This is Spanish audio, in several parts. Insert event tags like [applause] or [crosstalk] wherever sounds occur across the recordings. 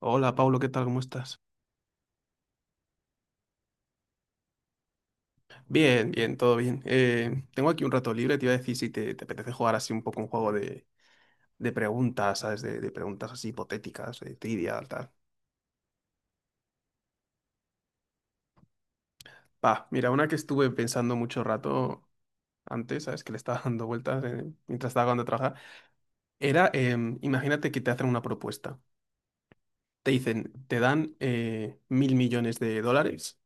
Hola, Pablo, ¿qué tal? ¿Cómo estás? Bien, bien, todo bien. Tengo aquí un rato libre, te iba a decir si te apetece jugar así un poco un juego de preguntas, ¿sabes? De preguntas así hipotéticas, de trivia, tal. Va, mira, una que estuve pensando mucho rato antes, ¿sabes? Que le estaba [laughs] dando vueltas mientras estaba acabando de trabajar. Era, imagínate que te hacen una propuesta. Te dicen, te dan mil millones de dólares,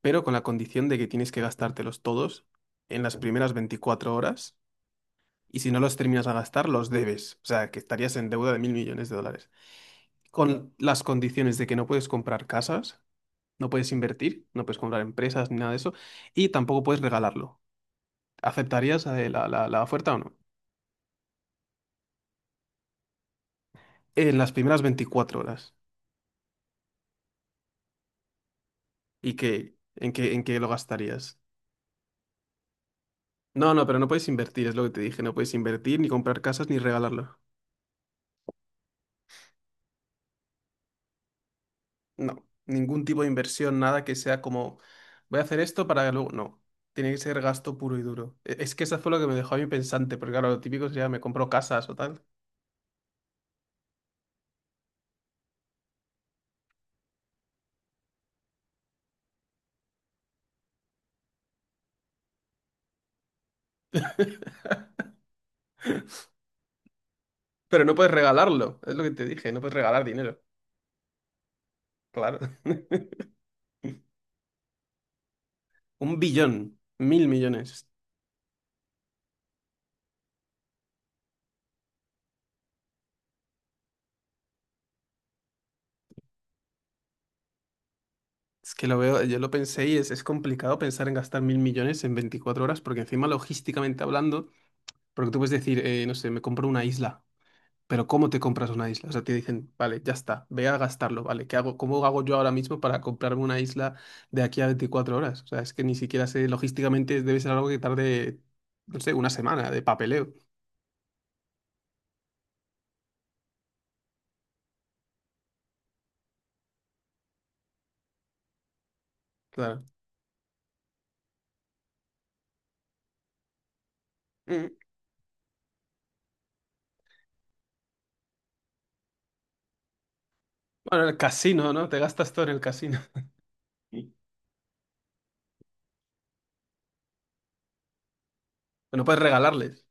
pero con la condición de que tienes que gastártelos todos en las primeras 24 horas y si no los terminas de gastar, los debes. O sea, que estarías en deuda de mil millones de dólares. Con las condiciones de que no puedes comprar casas, no puedes invertir, no puedes comprar empresas ni nada de eso, y tampoco puedes regalarlo. ¿Aceptarías la oferta o no? En las primeras 24 horas. ¿Y qué? ¿En qué lo gastarías? No, no, pero no puedes invertir, es lo que te dije. No puedes invertir, ni comprar casas, ni regalarlo. No, ningún tipo de inversión, nada que sea como voy a hacer esto para que luego. No, tiene que ser gasto puro y duro. Es que eso fue lo que me dejó a mí pensante, porque claro, lo típico sería me compro casas o tal. Pero no puedes regalarlo, es lo que te dije, no puedes regalar dinero. Claro. [laughs] Un billón, mil millones. Es que lo veo, yo lo pensé y es complicado pensar en gastar mil millones en 24 horas, porque encima logísticamente hablando, porque tú puedes decir, no sé, me compro una isla. Pero ¿cómo te compras una isla? O sea, te dicen, vale, ya está, ve a gastarlo, vale, ¿qué hago? ¿Cómo hago yo ahora mismo para comprarme una isla de aquí a 24 horas? O sea, es que ni siquiera sé, logísticamente debe ser algo que tarde, no sé, una semana de papeleo. Claro. Mm. Bueno, el casino, ¿no? Te gastas todo en el casino. Sí. [laughs] No puedes regalarles.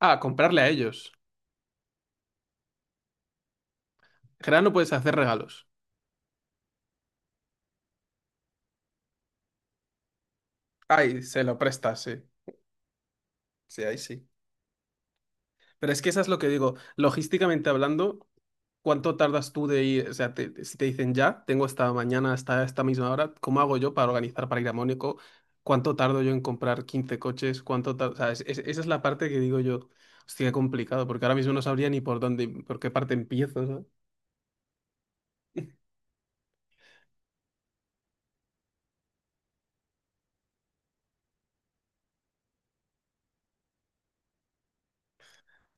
Ah, comprarle a ellos. En general no puedes hacer regalos. Ay, se lo prestas, sí. Sí, ahí sí. Pero es que eso es lo que digo. Logísticamente hablando, ¿cuánto tardas tú de ir? O sea, si te dicen ya, tengo esta mañana hasta esta misma hora, ¿cómo hago yo para organizar para ir a Mónaco? ¿Cuánto tardo yo en comprar 15 coches? O sea, esa es la parte que digo yo, hostia, qué complicado, porque ahora mismo no sabría ni por dónde, por qué parte empiezo, ¿sabes? Eh,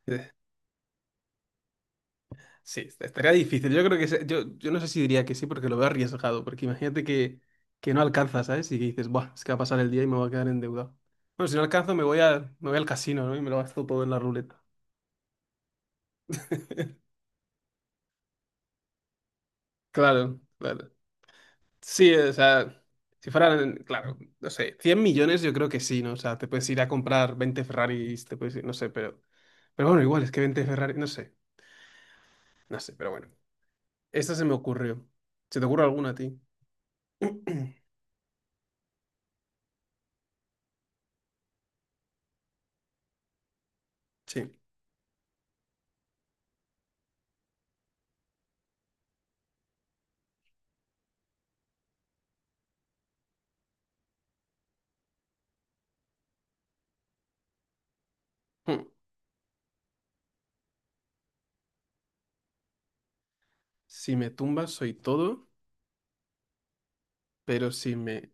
[laughs] Sí, estaría difícil. Yo creo que yo no sé si diría que sí, porque lo veo arriesgado, porque imagínate que no alcanzas, ¿sabes? Y que dices, buah, es que va a pasar el día y me voy a quedar endeudado. Bueno, si no alcanzo, me voy al casino, ¿no? Y me lo gasto todo en la ruleta. Claro, claro. Sí, o sea, si fueran, claro, no sé, 100 millones yo creo que sí, ¿no? O sea, te puedes ir a comprar 20 Ferraris, te puedes ir, no sé, pero. Pero bueno, igual, es que 20 Ferraris, no sé, no sé, pero bueno. Esta se me ocurrió. ¿Se te ocurre alguna a ti? [clears throat] Sí. Hmm. Si me tumbas soy todo, pero si me,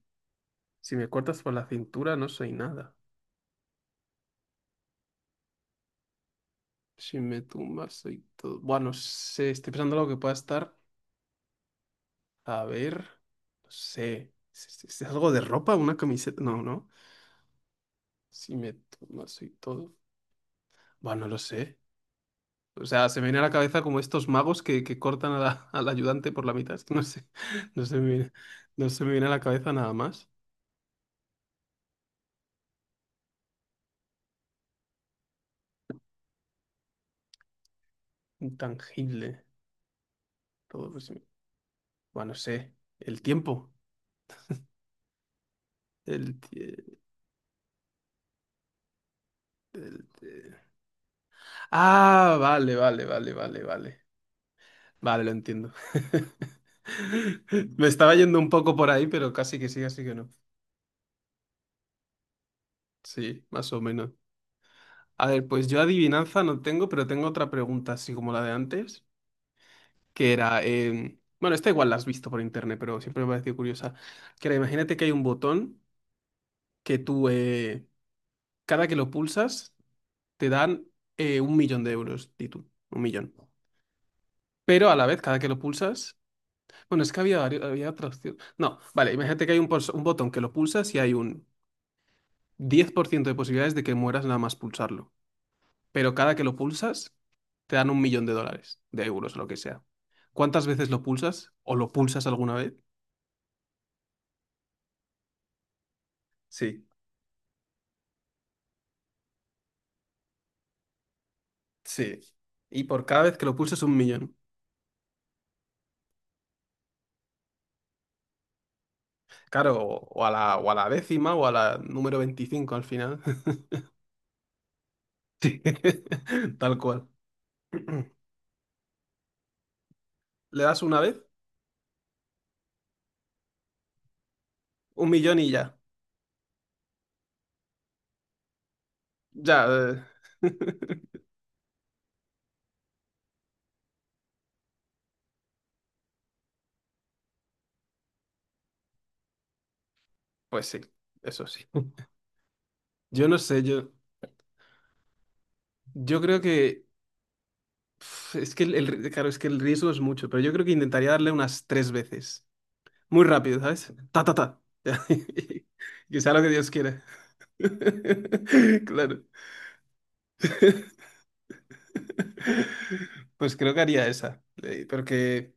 si me cortas por la cintura no soy nada. Si me tumbas soy todo. Bueno, no sé, estoy pensando algo que pueda estar. A ver, no sé. ¿Es algo de ropa? ¿Una camiseta? No, no. Si me tomas y todo. Bueno, no lo sé. O sea, se me viene a la cabeza como estos magos que cortan [laughs] al ayudante por la mitad. Es que no sé. [laughs] No se me viene, no se me viene a la cabeza nada más. Intangible. Todo, pues, bueno, no sé. El tiempo. El, tie- el tie- Ah, vale, vale, vale, vale, vale. Vale, lo entiendo. [laughs] Me estaba yendo un poco por ahí, pero casi que sí, así que no. Sí, más o menos. A ver, pues yo adivinanza no tengo, pero tengo otra pregunta, así como la de antes, que era, bueno, esta igual la has visto por internet, pero siempre me ha parecido curiosa, que era, imagínate que hay un botón que tú, cada que lo pulsas, te dan un millón de euros, di tú, un millón. Pero a la vez, cada que lo pulsas, bueno, es que había, había otra opción. No, vale, imagínate que hay un botón que lo pulsas y hay un 10% de posibilidades de que mueras nada más pulsarlo. Pero cada que lo pulsas te dan un millón de dólares, de euros, lo que sea. ¿Cuántas veces lo pulsas? ¿O lo pulsas alguna vez? Sí, sí. Y por cada vez que lo pulsas un millón. Claro, o a la décima o a la número 25 al final. [laughs] Sí, [laughs] tal cual. [clears throat] Le das una vez, un millón y ya. Ya, [laughs] pues sí, eso sí. Yo no sé, yo creo que... pf, es que claro, es que el riesgo es mucho, pero yo creo que intentaría darle unas tres veces. Muy rápido, ¿sabes? Ta, ta, ta. [laughs] Que sea lo que Dios quiera. [laughs] Claro. [laughs] Pues creo que haría esa. Pero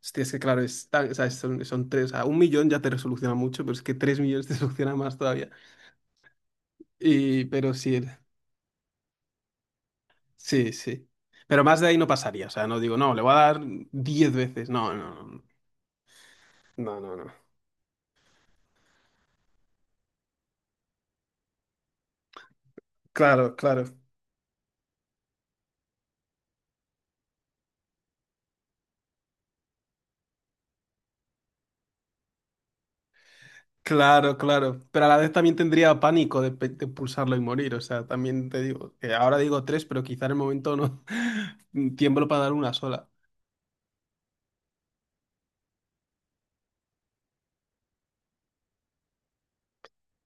hostia, es que claro, o sea, son tres, o sea, un millón ya te resoluciona mucho, pero es que tres millones te [laughs] soluciona más todavía. Y, pero sí, sí, sí. Pero más de ahí no pasaría, o sea, no digo, no, le voy a dar 10 veces. No, no, no, no, no, no. Claro, claro. Claro, claro. Pero a la vez también tendría pánico de pulsarlo y morir. O sea, también te digo, que ahora digo tres, pero quizá en el momento no [laughs] tiemblo para dar una sola.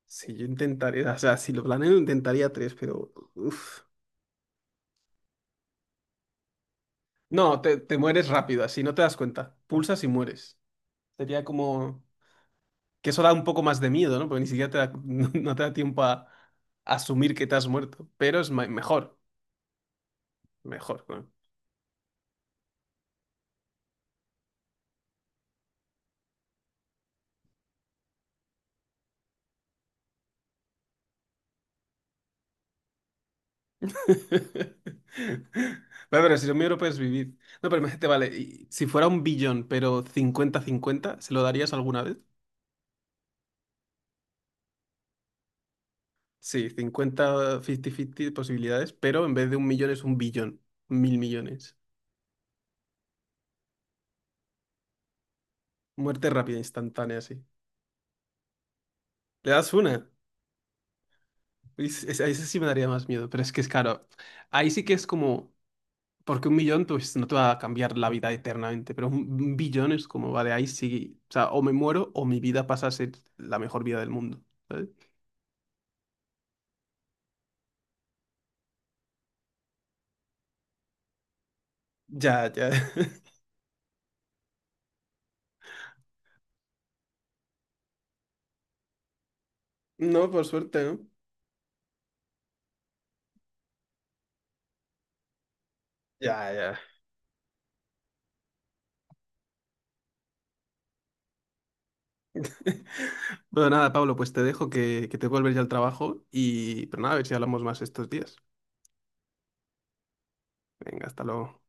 Sí, yo intentaría, o sea, si lo planeo, intentaría tres, pero uf. No, te mueres rápido, así no te das cuenta. Pulsas y mueres. Sería como. Que eso da un poco más de miedo, ¿no? Porque ni siquiera [laughs] no, no te da tiempo a asumir que te has muerto. Pero es mejor, mejor. Claro. [laughs] Vale, pero si lo mío no puedes vivir. No, pero imagínate, vale, y si fuera un billón, pero cincuenta cincuenta ¿se lo darías alguna vez? Sí, cincuenta 50-50 posibilidades, pero en vez de un millón es un billón, mil millones. Muerte rápida, instantánea, así. ¿Le das una? A ese sí me daría más miedo, pero es que es caro. Ahí sí que es como, porque un millón pues no te va a cambiar la vida eternamente, pero un billón es como, vale, ahí sí, o sea, o me muero o mi vida pasa a ser la mejor vida del mundo. Ya, ya. [laughs] No, por suerte, ¿no? Ya, ya. [laughs] Bueno, nada, Pablo, pues te dejo que te vuelves ya al trabajo y, pero nada, a ver si hablamos más estos días. Venga, hasta luego.